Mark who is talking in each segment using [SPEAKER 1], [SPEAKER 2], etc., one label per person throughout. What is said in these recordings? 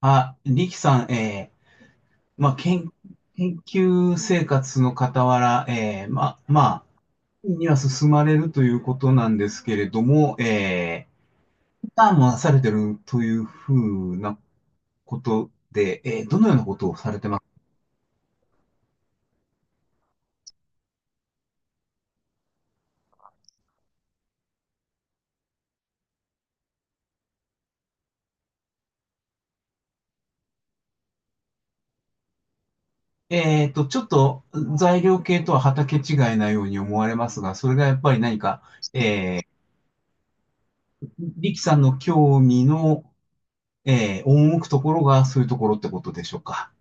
[SPEAKER 1] あ、リキさん、まあ、研究生活の傍ら、まあ、には進まれるということなんですけれども、インターンもなされてるというふうなことで、どのようなことをされてます？ちょっと材料系とは畑違いなように思われますが、それがやっぱり何か、えー、リキさんの興味の、赴くところがそういうところってことでしょうか。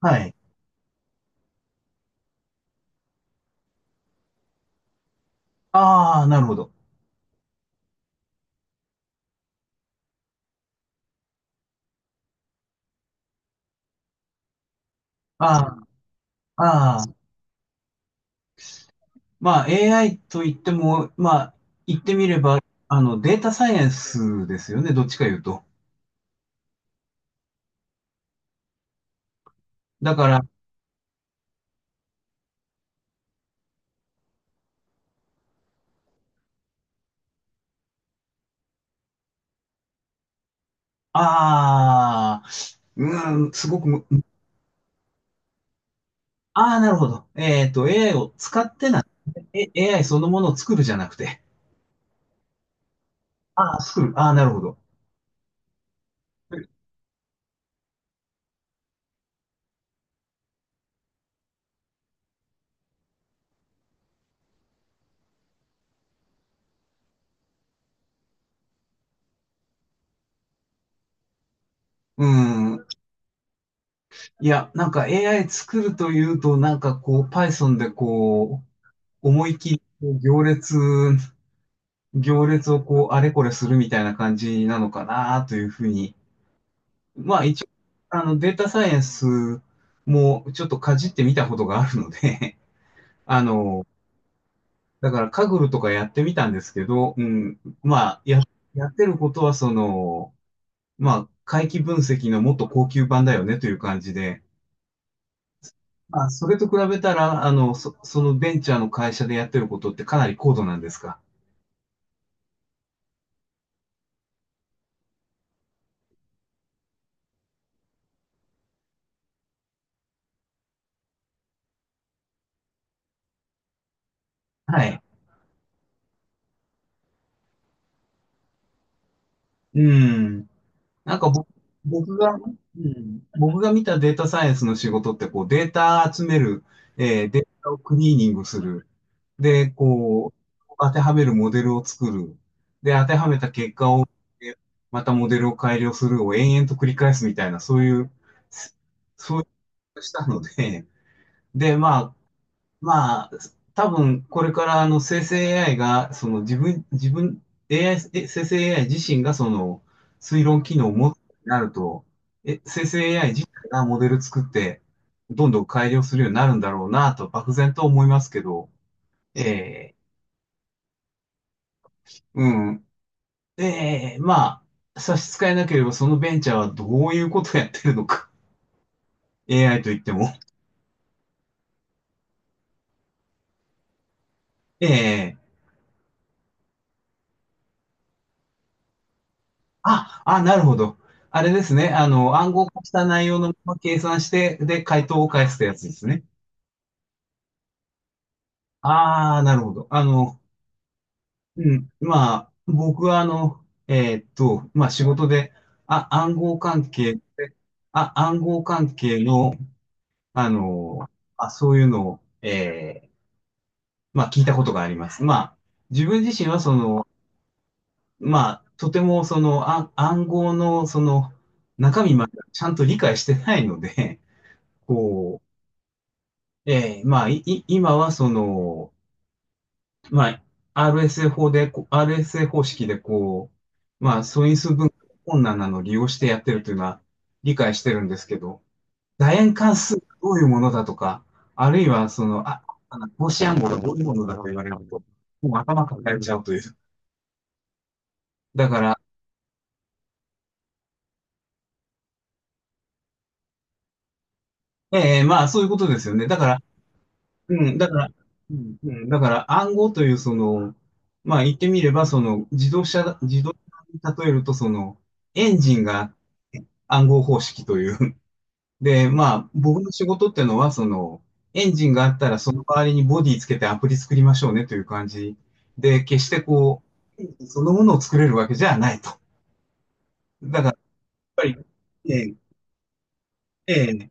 [SPEAKER 1] はい。ああ、なるほど。ああ。ああ、まあ AI と言っても、まあ言ってみれば、データサイエンスですよね、どっちか言うと。だから、ああ、うん、すごくむ、ああ、なるほど。AI を使ってな、AI そのものを作るじゃなくて、ああ、作る、ああ、なるほど。うん。いや、なんか AI 作るというと、なんかこう、Python でこう、思い切りこう行列、行列をこう、あれこれするみたいな感じなのかなというふうに、まあ一応、データサイエンスもちょっとかじってみたことがあるので、あの、だからカグルとかやってみたんですけど、うん、まあ、やってることはその、まあ、回帰分析のもっと高級版だよねという感じで、まあ、それと比べたら、そのベンチャーの会社でやってることってかなり高度なんですか。はい。うん。なんか僕が、うん、僕が見たデータサイエンスの仕事って、こう、データ集める、データをクリーニングする。で、こう、当てはめるモデルを作る。で、当てはめた結果を、えまたモデルを改良するを延々と繰り返すみたいな、そういう、そういしたので、で、まあ、まあ、多分これからあの生成 AI が、その自分、AI、生成 AI 自身がその推論機能を持つようになると、生成 AI 自体がモデル作って、どんどん改良するようになるんだろうなと、漠然と思いますけど、ええ、うん。ええ、まあ、差し支えなければそのベンチャーはどういうことをやってるのか。AI といっても。ええ。あ、あ、なるほど。あれですね。暗号化した内容のまま計算して、で、回答を返すってやつですね。ああ、なるほど。うん。まあ、僕はまあ仕事で、あ、暗号関係で、あ、暗号関係の、あの、あ、そういうのを、まあ聞いたことがあります。まあ、自分自身はその、まあ、とてもその、あ、暗号のその、中身までちゃんと理解してないので、こう、ええ、まあ、今はその、まあ、RSA 法でこう、RSA 方式でこう、まあ、素因数分解困難なのを利用してやってるというのは理解してるんですけど、楕円関数がどういうものだとか、あるいはその、あ、あの格子暗号がどういうものだと言われると、もう頭抱えちゃうという。だから、ええ、まあ、そういうことですよね。だから、うん、だから、うん。うん、だから暗号というその、まあ言ってみればその自動車に例えるとそのエンジンが暗号方式という。で、まあ僕の仕事ってのはそのエンジンがあったらその代わりにボディつけてアプリ作りましょうねという感じで、決してこう、エンジンそのものを作れるわけじゃないと。だからやっぱり、ええええ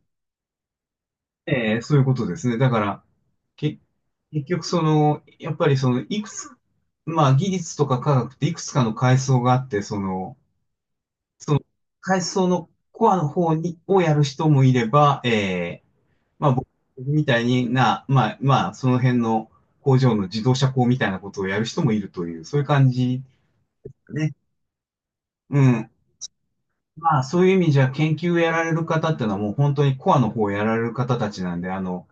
[SPEAKER 1] ええ、そういうことですね。だから、け、結局その、やっぱりその、いくつ、まあ技術とか科学っていくつかの階層があって、その、階層のコアの方に、をやる人もいれば、ええ、まあ僕みたいにな、まあその辺の工場の自動車工みたいなことをやる人もいるという、そういう感じね。うん。まあそういう意味じゃ研究をやられる方っていうのはもう本当にコアの方をやられる方たちなんで、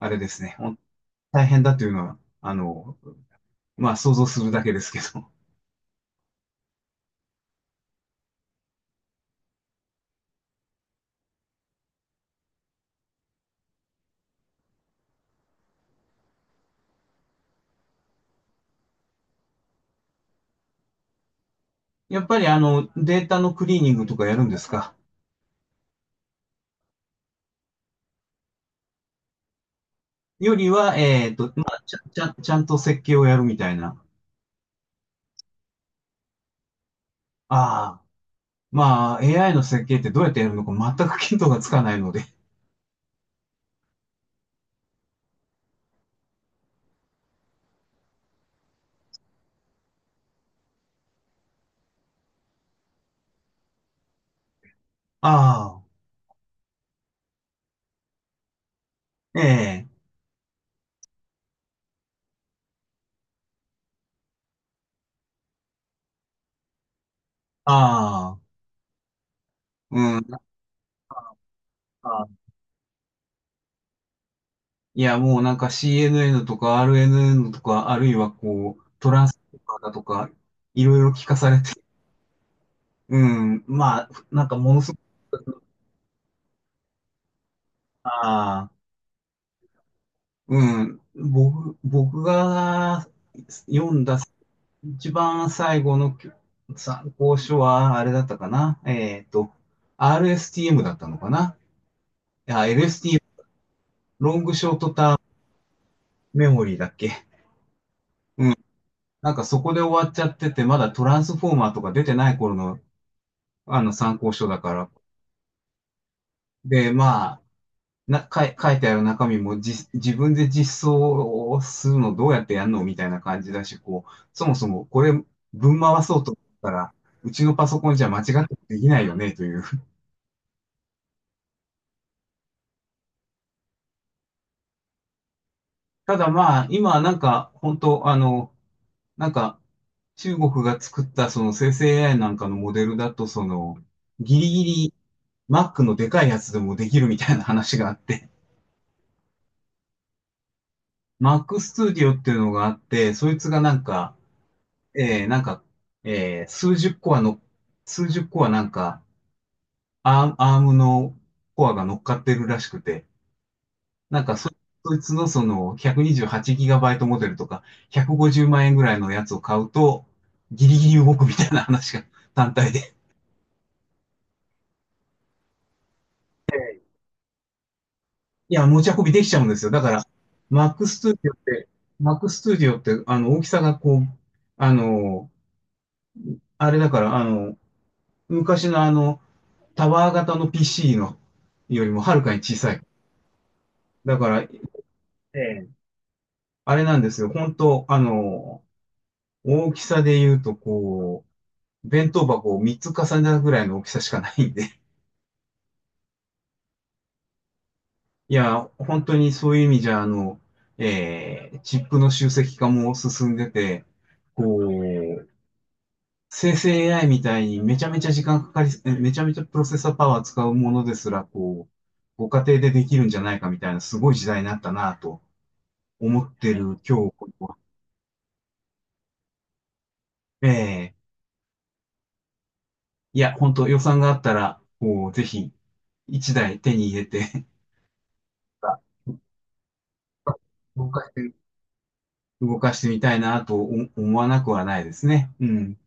[SPEAKER 1] あれですね。大変だというのは、まあ想像するだけですけど。やっぱりデータのクリーニングとかやるんですか？よりは、まあ、ちゃんと設計をやるみたいな。ああ、まあ AI の設計ってどうやってやるのか全く見当がつかないので。ああ、ええ、ああ、うん。あいや、もうなんか CNN とか RNN とか、あるいはこう、トランスとかだとか、いろいろ聞かされて、うん、まあ、なんかものすごく、ああ、うん、僕が読んだ一番最後の参考書は、あれだったかな、RSTM だったのかな、いや、LSTM、ロングショートタームメモリーだっけ。なんかそこで終わっちゃってて、まだトランスフォーマーとか出てない頃のあの参考書だから。で、まあ、な、かい、書いてある中身も自分で実装をするのどうやってやるのみたいな感じだし、こう、そもそもこれ、ぶん回そうと思ったら、うちのパソコンじゃ間違ってできないよね、という。ただまあ、今はなんか、本当なんか、中国が作ったその生成 AI なんかのモデルだと、その、ギリギリ Mac のでかいやつでもできるみたいな話があって、Mac Studio っていうのがあって、そいつがなんか、なんか、数十コアの、数十コアなんか、アームのコアが乗っかってるらしくて、なんかそいつのその 128GB モデルとか、150万円ぐらいのやつを買うと、ギリギリ動くみたいな話が 単体で。いや、持ち運びできちゃうんですよ。だから、Mac Studio って、Mac Studio って、大きさがこう、あの、あれだから、昔のタワー型の PC のよりもはるかに小さい。だから、ええ、あれなんですよ。本当大きさで言うと、こう、弁当箱を3つ重ねたぐらいの大きさしかないんで。いや、本当にそういう意味じゃ、チップの集積化も進んでて、こう、生成 AI みたいにめちゃめちゃ時間かかり、めちゃめちゃプロセッサーパワー使うものですら、こう、ご家庭でできるんじゃないかみたいな、すごい時代になったなぁと思ってる今日、ええいや、本当予算があったら、もうぜひ、一台手に入れて 動かして、みたいなと思わなくはないですね。うん。